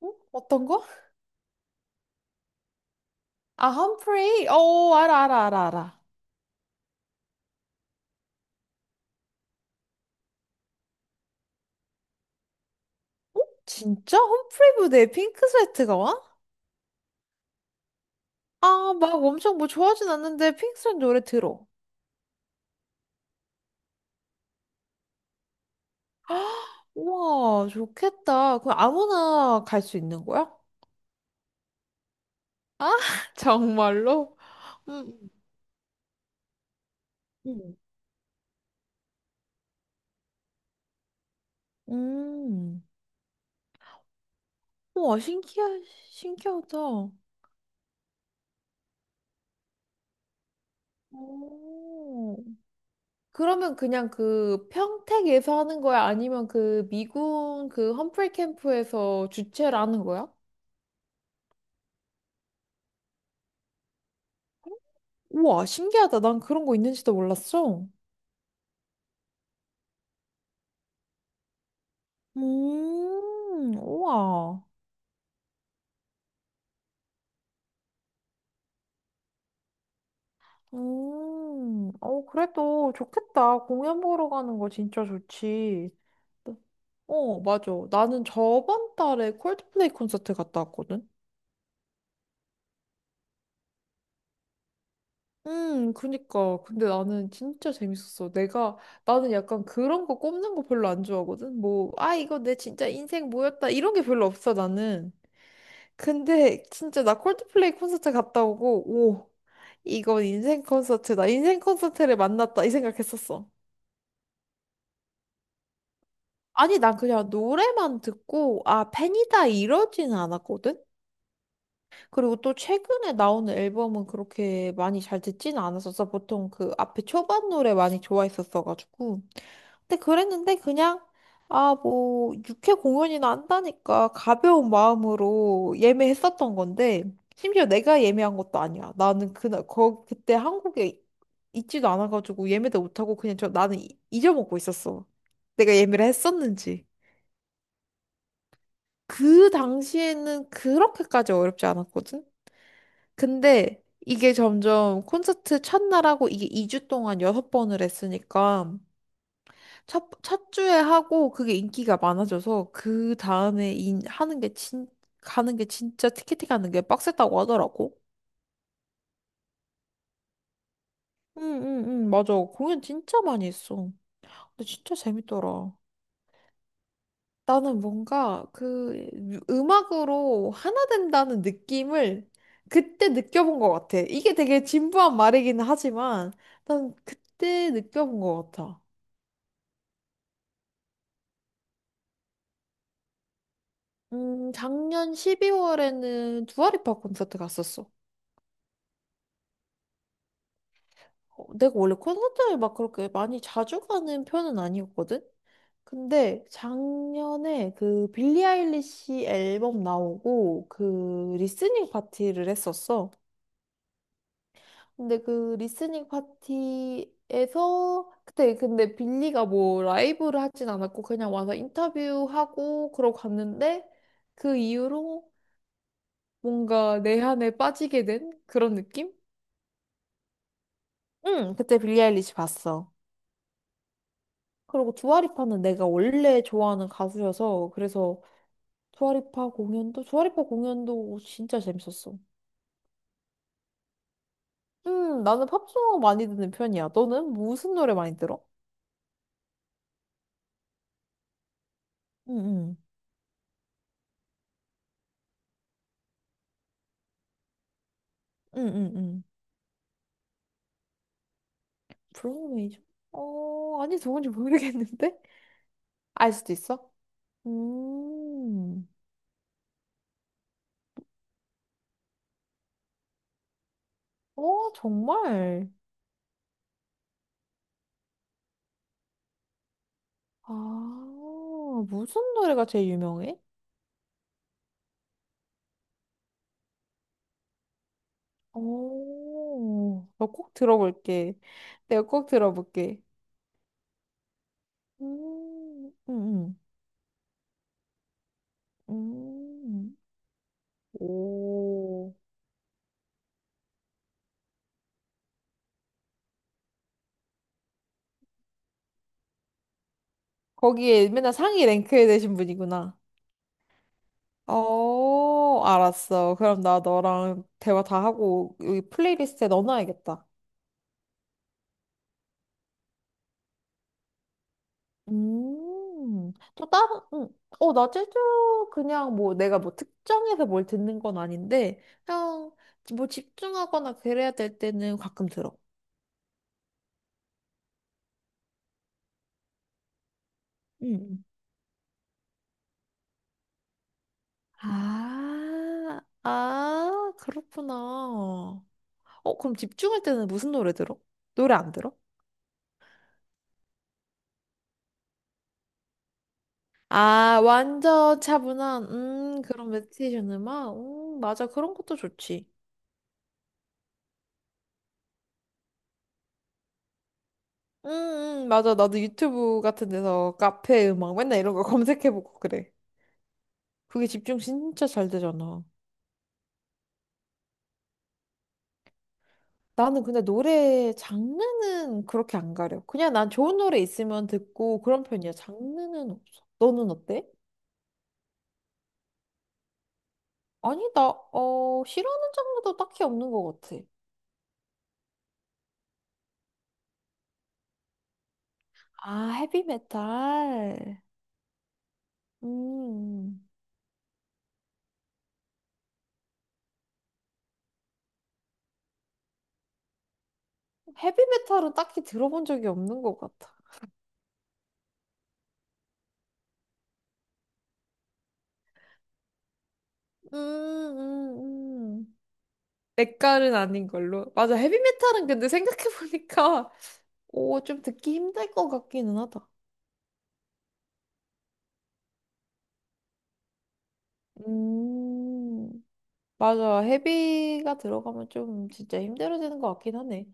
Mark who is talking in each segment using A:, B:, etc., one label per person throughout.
A: 어? 어떤 거? 아, 험프레이? 어, 알아, 알아, 알아, 알아. 어? 진짜? 험프레이 무대에 핑크 스웨트가 와? 아, 막 엄청 뭐 좋아하진 않는데 핑크 스웨트 노래 들어. 우와, 좋겠다. 그럼 아무나 갈 수 있는 거야? 정말로? 음, 응. 음. 음. 우와, 신기하다. 오. 그러면 그냥 그 평택에서 하는 거야? 아니면 그 미군 그 험프레이 캠프에서 주최를 하는 거야? 우와, 신기하다. 난 그런 거 있는지도 몰랐어. 우와. 어, 그래도 좋겠다. 공연 보러 가는 거 진짜 좋지. 어, 맞아. 나는 저번 달에 콜드플레이 콘서트 갔다 왔거든? 그니까. 근데 나는 진짜 재밌었어. 내가, 나는 약간 그런 거 꼽는 거 별로 안 좋아하거든? 뭐, 아, 이거 내 진짜 인생 뭐였다. 이런 게 별로 없어, 나는. 근데 진짜 나 콜드플레이 콘서트 갔다 오고, 오, 이건 인생 콘서트다. 인생 콘서트를 만났다. 이 생각했었어. 아니, 난 그냥 노래만 듣고, 아, 팬이다 이러지는 않았거든? 그리고 또 최근에 나오는 앨범은 그렇게 많이 잘 듣진 않았었어. 보통 그 앞에 초반 노래 많이 좋아했었어가지고. 근데 그랬는데 그냥, 아, 뭐, 육회 공연이나 한다니까 가벼운 마음으로 예매했었던 건데, 심지어 내가 예매한 것도 아니야. 나는 그날, 거, 그때 한국에 있지도 않아가지고 예매도 못하고 그냥 저 나는 이- 잊어먹고 있었어. 내가 예매를 했었는지. 그 당시에는 그렇게까지 어렵지 않았거든? 근데 이게 점점 콘서트 첫날하고 이게 2주 동안 6번을 했으니까 첫 주에 하고 그게 인기가 많아져서 그 다음에 인, 하는 게 진, 가는 게 진짜 티켓팅 가는 게 빡셌다고 하더라고. 응, 응, 응, 맞아. 공연 진짜 많이 했어. 근데 진짜 재밌더라. 나는 뭔가 그 음악으로 하나 된다는 느낌을 그때 느껴본 것 같아. 이게 되게 진부한 말이기는 하지만 난 그때 느껴본 것 같아. 작년 12월에는 두아리파 콘서트 갔었어. 어, 내가 원래 콘서트를 막 그렇게 많이 자주 가는 편은 아니었거든? 근데 작년에 그 빌리 아일리시 앨범 나오고 그 리스닝 파티를 했었어. 근데 그 리스닝 파티에서 그때 근데 빌리가 뭐 라이브를 하진 않았고 그냥 와서 인터뷰하고 그러고 갔는데 그 이후로 뭔가 내한에 빠지게 된 그런 느낌? 응, 그때 빌리 아일리시 봤어. 그리고 두아리파는 내가 원래 좋아하는 가수여서 그래서 두아리파 공연도 진짜 재밌었어. 나는 팝송 많이 듣는 편이야. 너는 무슨 노래 많이 들어? 응, 응, 응, 응, 응. 브로우메이션? 어, 아니, 누군지 모르겠는데? 알 수도 있어? 음, 어, 정말. 아, 무슨 노래가 제일 유명해? 오, 나꼭 들어볼게. 내가 꼭 들어볼게. 음, 음, 음, 음. 오, 거기에 맨날 상위 랭크에 되신 분이구나. 어, 알았어. 그럼 나 너랑 대화 다 하고 여기 플레이리스트에 넣어놔야겠다. 또 다른, 어, 나 제주 그냥 뭐 내가 뭐 특정해서 뭘 듣는 건 아닌데, 그냥 뭐 집중하거나 그래야 될 때는 가끔 들어. 음 아, 아, 그렇구나. 어, 그럼 집중할 때는 무슨 노래 들어? 노래 안 들어? 아, 완전 차분한, 그런 메디테이션 음악? 맞아. 그런 것도 좋지. 음, 맞아. 나도 유튜브 같은 데서 카페 음악 맨날 이런 거 검색해보고 그래. 그게 집중 진짜 잘 되잖아. 나는 근데 노래 장르는 그렇게 안 가려. 그냥 난 좋은 노래 있으면 듣고 그런 편이야. 장르는 없어. 너는 어때? 아니, 나, 어, 싫어하는 장르도 딱히 없는 것 같아. 아, 헤비메탈. 음, 헤비메탈은 딱히 들어본 적이 없는 것 같아. 음, 음, 음. 내 깔은 아닌 걸로. 맞아, 헤비메탈은 근데 생각해보니까, 오, 좀 듣기 힘들 것 같기는 하다. 음. 맞아. 헤비가 들어가면 좀 진짜 힘들어지는 것 같긴 하네.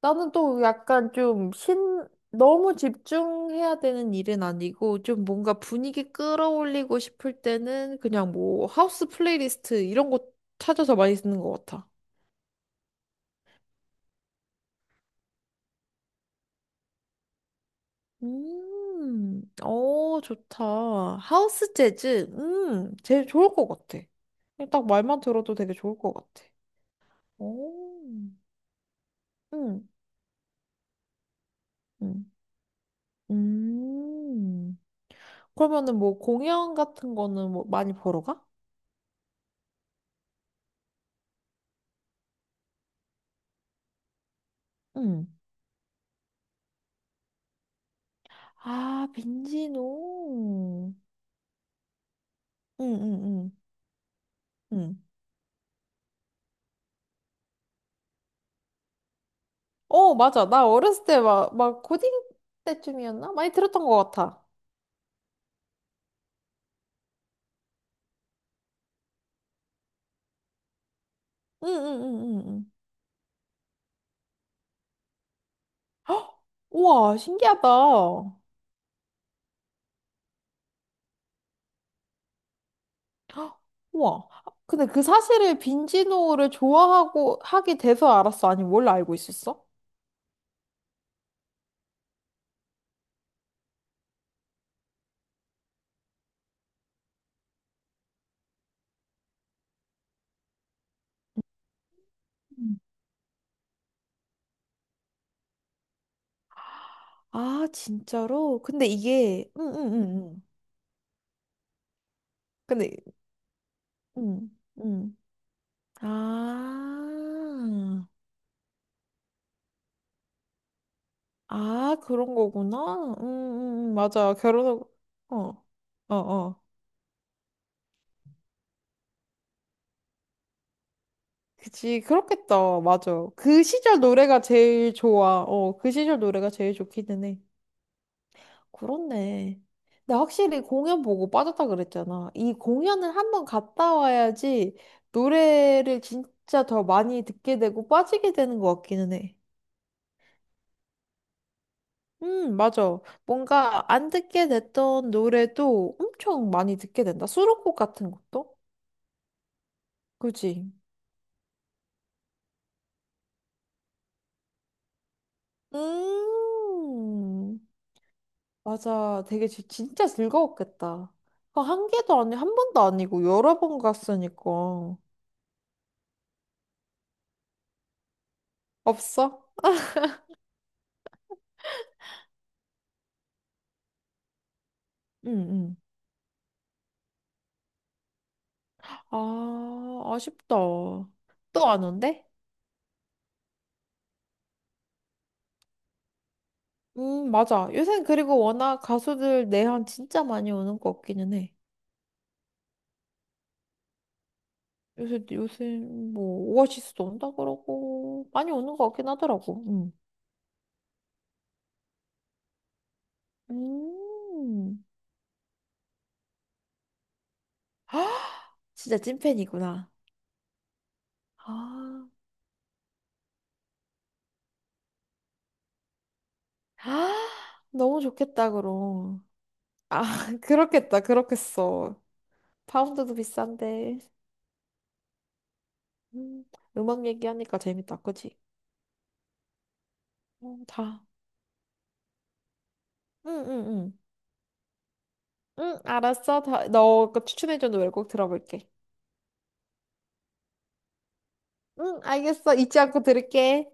A: 나는 또 약간 좀 신, 너무 집중해야 되는 일은 아니고 좀 뭔가 분위기 끌어올리고 싶을 때는 그냥 뭐 하우스 플레이리스트 이런 거 찾아서 많이 쓰는 것 같아. 어, 좋다. 하우스 재즈, 제일 좋을 것 같아. 딱 말만 들어도 되게 좋을 것 같아. 오, 음, 음. 그러면은 뭐 공연 같은 거는 뭐 많이 보러 가? 응. 아, 빈지노. 응, 응, 응, 응. 어, 맞아. 나 어렸을 때 막 고딩 때쯤이었나? 많이 들었던 것 같아. 응, 응, 응, 응, 응. 헉! 우와, 신기하다. 헉! 우와. 근데 그 사실을 빈지노를 좋아하고 하게 돼서 알았어. 아니, 원래 알고 있었어? 음. 아, 진짜로? 근데 이게, 응, 응, 응, 응. 근데, 응, 응. 아, 아, 그런 거구나. 맞아. 결혼하고, 어, 어, 어. 그치, 그렇겠다. 맞아. 그 시절 노래가 제일 좋아. 어, 그 시절 노래가 제일 좋기는 해. 그렇네. 근데 확실히 공연 보고 빠졌다 그랬잖아. 이 공연을 한 번 갔다 와야지 노래를 진짜 더 많이 듣게 되고 빠지게 되는 것 같기는 해. 맞아. 뭔가 안 듣게 됐던 노래도 엄청 많이 듣게 된다. 수록곡 같은 것도? 그지? 음, 맞아. 되게 진짜 즐거웠겠다. 그거 한 개도 아니, 한 번도 아니고 여러 번 갔으니까. 없어? 응, 응. 아, 아쉽다. 또 안 온대? 맞아. 요새 그리고 워낙 가수들 내한 진짜 많이 오는 거 같기는 해. 요새, 뭐, 오아시스도 온다 그러고, 많이 오는 것 같긴 하더라고. 음. 음. 진짜 찐팬이구나. 아, 아, 너무 좋겠다, 그럼. 아, 그렇겠다, 그렇겠어. 파운드도 비싼데. 음, 음악 얘기하니까 재밌다, 그치? 어, 다. 응, 응, 응. 응, 알았어. 다, 너그 추천해준 노래 꼭 들어볼게. 응, 알겠어. 잊지 않고 들을게.